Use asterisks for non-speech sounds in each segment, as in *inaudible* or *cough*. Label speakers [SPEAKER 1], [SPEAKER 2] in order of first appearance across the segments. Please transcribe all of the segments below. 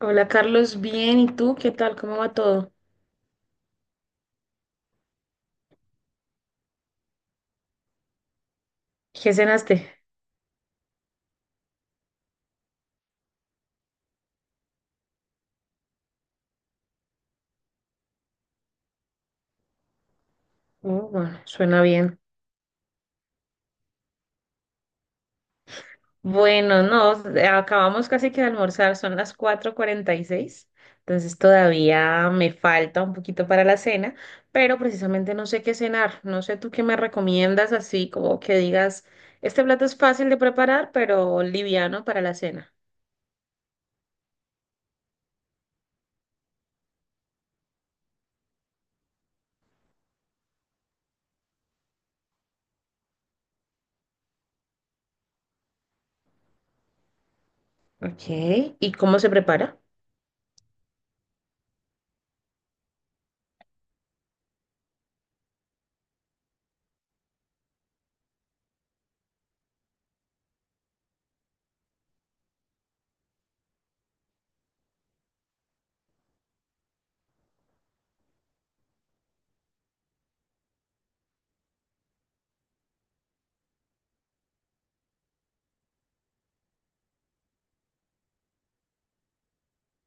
[SPEAKER 1] Hola Carlos, bien, ¿y tú qué tal? ¿Cómo va todo? ¿Qué cenaste? Oh, bueno, suena bien. Bueno, no, acabamos casi que de almorzar, son las 4:46, entonces todavía me falta un poquito para la cena, pero precisamente no sé qué cenar, no sé tú qué me recomiendas así, como que digas, este plato es fácil de preparar, pero liviano para la cena. Ok, ¿y cómo se prepara?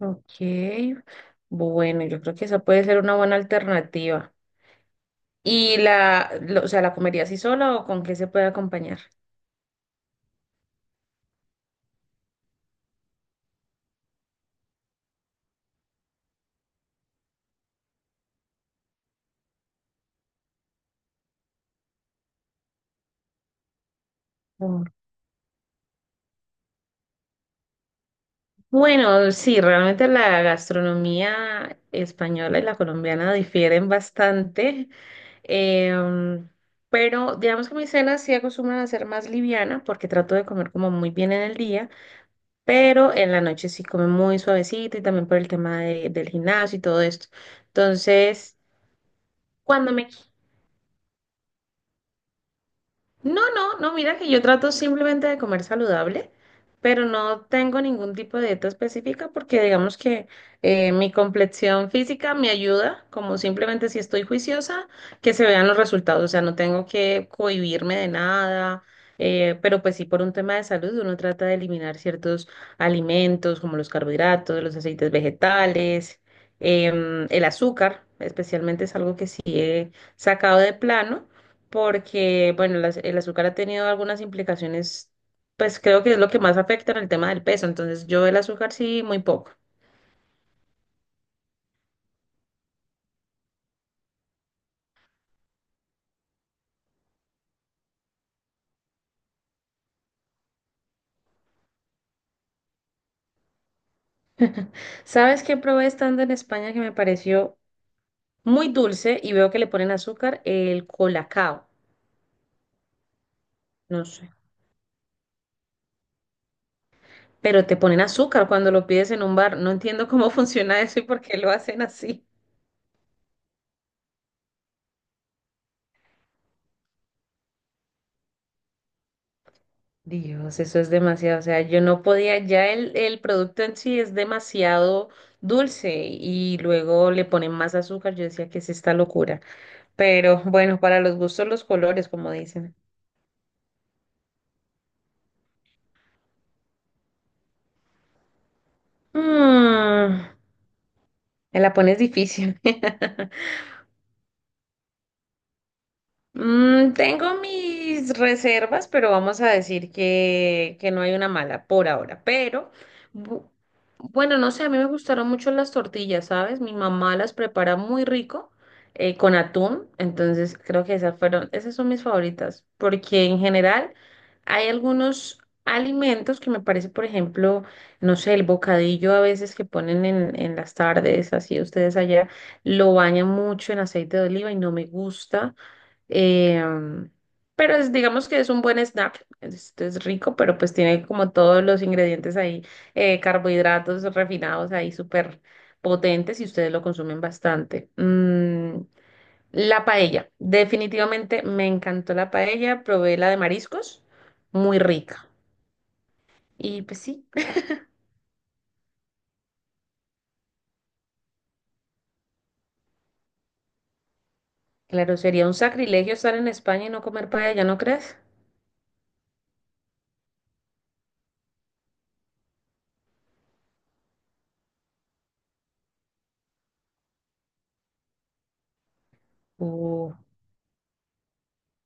[SPEAKER 1] Ok, bueno, yo creo que esa puede ser una buena alternativa. O sea, ¿la comería así sola o con qué se puede acompañar? Mm. Bueno, sí, realmente la gastronomía española y la colombiana difieren bastante, em, pero digamos que mi cena sí acostumbran a ser más liviana porque trato de comer como muy bien en el día, pero en la noche sí come muy suavecito y también por el del gimnasio y todo esto. Entonces, cuando me no, no, no, mira que yo trato simplemente de comer saludable, pero no tengo ningún tipo de dieta específica porque digamos que mi complexión física me ayuda, como simplemente si estoy juiciosa, que se vean los resultados, o sea, no tengo que cohibirme de nada, pero pues sí por un tema de salud uno trata de eliminar ciertos alimentos como los carbohidratos, los aceites vegetales, el azúcar, especialmente es algo que sí he sacado de plano porque, bueno, el azúcar ha tenido algunas implicaciones, pues creo que es lo que más afecta en el tema del peso, entonces yo el azúcar sí, muy poco. *laughs* ¿Sabes qué probé estando en España que me pareció muy dulce y veo que le ponen azúcar? El colacao, no sé. Pero te ponen azúcar cuando lo pides en un bar. No entiendo cómo *laughs* funciona eso y por qué lo hacen así. Dios, eso es demasiado. O sea, yo no podía, ya el producto en sí es demasiado dulce y luego le ponen más azúcar. Yo decía que es esta locura. Pero bueno, para los gustos, los colores, como dicen. Mm, me la pones difícil. *laughs* Mm, tengo mis reservas, pero vamos a decir que, no hay una mala por ahora. Pero, bu- bueno, no sé, a mí me gustaron mucho las tortillas, ¿sabes? Mi mamá las prepara muy rico con atún, entonces creo que esas fueron, esas son mis favoritas, porque en general hay algunos alimentos que me parece, por ejemplo, no sé, el bocadillo a veces que ponen en las tardes, así ustedes allá, lo bañan mucho en aceite de oliva y no me gusta. Em, pero digamos que es un buen snack. Es rico, pero pues tiene como todos los ingredientes ahí, carbohidratos refinados ahí súper potentes y ustedes lo consumen bastante. Mm, la paella. Definitivamente me encantó la paella. Probé la de mariscos. Muy rica. Y pues sí, claro, sería un sacrilegio estar en España y no comer paella, ¿no crees?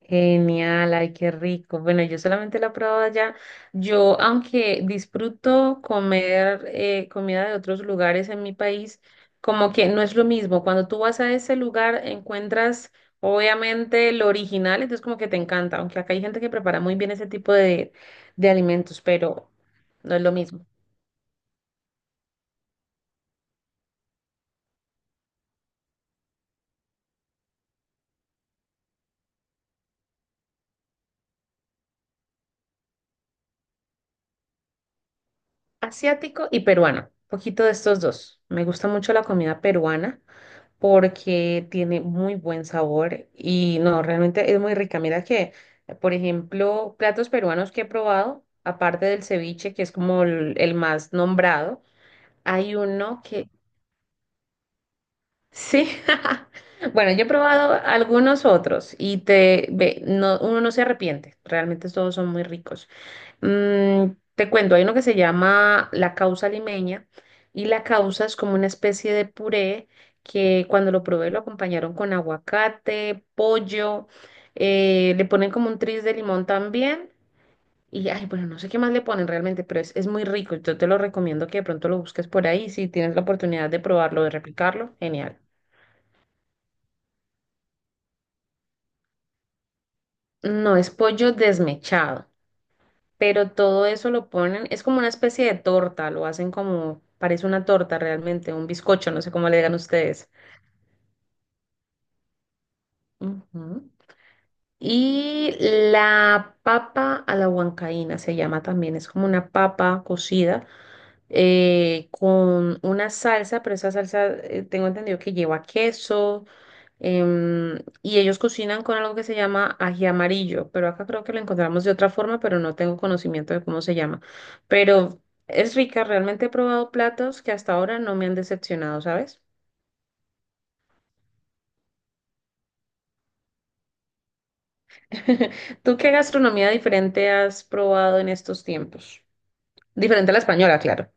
[SPEAKER 1] Genial, ay, qué rico. Bueno, yo solamente la he probado allá. Yo, aunque disfruto comer comida de otros lugares en mi país, como que no es lo mismo. Cuando tú vas a ese lugar, encuentras obviamente lo original, entonces como que te encanta, aunque acá hay gente que prepara muy bien ese tipo de alimentos, pero no es lo mismo. Asiático y peruano, poquito de estos dos. Me gusta mucho la comida peruana porque tiene muy buen sabor y no, realmente es muy rica. Mira que, por ejemplo, platos peruanos que he probado, aparte del ceviche, que es como el más nombrado, hay uno que, sí, *laughs* bueno, yo he probado algunos otros y te, ve, no, uno no se arrepiente, realmente todos son muy ricos. Mm, te cuento, hay uno que se llama la causa limeña y la causa es como una especie de puré que cuando lo probé lo acompañaron con aguacate, pollo, le ponen como un tris de limón también y ay, bueno, no sé qué más le ponen realmente, pero es muy rico. Yo te lo recomiendo que de pronto lo busques por ahí si tienes la oportunidad de probarlo, de replicarlo, genial. No, es pollo desmechado. Pero todo eso lo ponen, es como una especie de torta, lo hacen como, parece una torta realmente, un bizcocho, no sé cómo le digan ustedes. Ujú. Y la papa a la huancaína se llama también, es como una papa cocida con una salsa, pero esa salsa tengo entendido que lleva queso. Em, y ellos cocinan con algo que se llama ají amarillo, pero acá creo que lo encontramos de otra forma, pero no tengo conocimiento de cómo se llama. Pero es rica, realmente he probado platos que hasta ahora no me han decepcionado, ¿sabes? *laughs* ¿Tú qué gastronomía diferente has probado en estos tiempos? Diferente a la española, claro.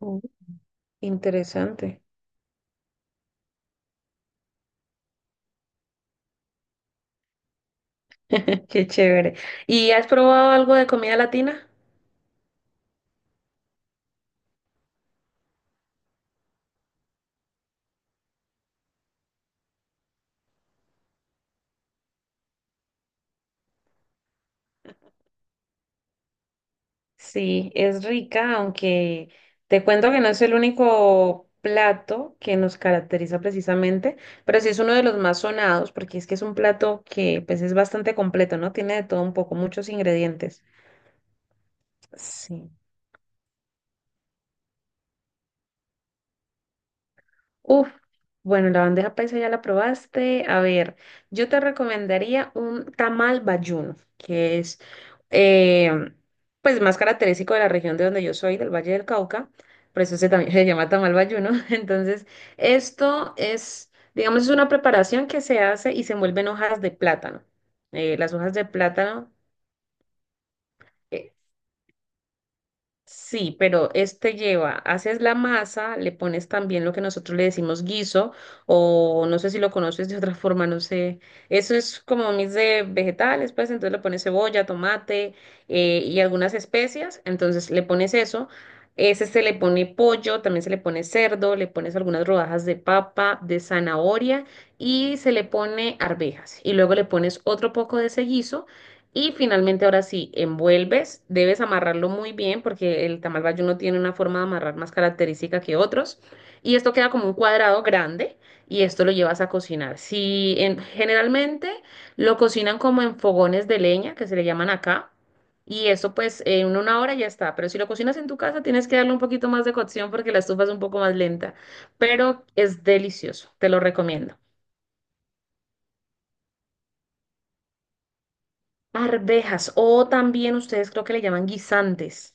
[SPEAKER 1] Mm, interesante. *laughs* Qué chévere. ¿Y has probado algo de comida latina? Sí, es rica, aunque te cuento que no es el único plato que nos caracteriza precisamente, pero sí es uno de los más sonados porque es que es un plato que pues es bastante completo, ¿no? Tiene de todo un poco, muchos ingredientes. Sí. Uf, bueno, la bandeja paisa ya la probaste. A ver, yo te recomendaría un tamal bayuno, que es eh, pues más característico de la región de donde yo soy, del Valle del Cauca. Por eso se también *laughs* se llama tamal bayuno. *laughs* Entonces, esto es, digamos, es una preparación que se hace y se envuelve en hojas de plátano. Las hojas de plátano. eh, Sí, pero este lleva, haces la masa, le pones también lo que nosotros le decimos guiso, o no sé si lo conoces de otra forma, no sé. Eso es como un mix de vegetales, pues entonces le pones cebolla, tomate y algunas especias, entonces le pones eso. Ese se le pone pollo, también se le pone cerdo, le pones algunas rodajas de papa, de zanahoria y se le pone arvejas. Y luego le pones otro poco de ese guiso y finalmente, ahora sí, envuelves, debes amarrarlo muy bien porque el tamal bayuno tiene una forma de amarrar más característica que otros. Y esto queda como un cuadrado grande y esto lo llevas a cocinar. Si en- generalmente lo cocinan como en fogones de leña, que se le llaman acá, y eso pues en una hora ya está. Pero si lo cocinas en tu casa, tienes que darle un poquito más de cocción porque la estufa es un poco más lenta, pero es delicioso, te lo recomiendo. Arvejas o también ustedes creo que le llaman guisantes.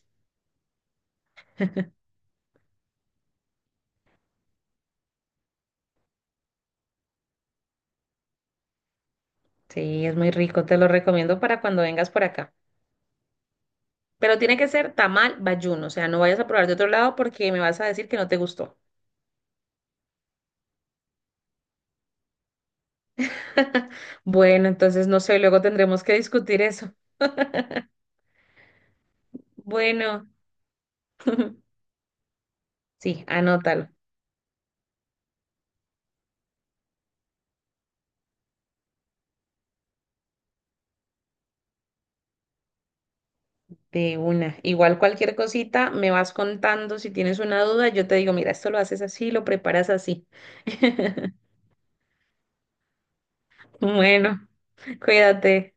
[SPEAKER 1] Sí, es muy rico, te lo recomiendo para cuando vengas por acá. Pero tiene que ser tamal bayuno, o sea, no vayas a probar de otro lado porque me vas a decir que no te gustó. *laughs* Bueno, entonces no sé, luego tendremos que discutir eso. Bueno, *laughs* sí, anótalo de una. Igual cualquier cosita me vas contando, si tienes una duda, yo te digo, mira, esto lo haces así, lo preparas así. *laughs* Bueno, cuídate.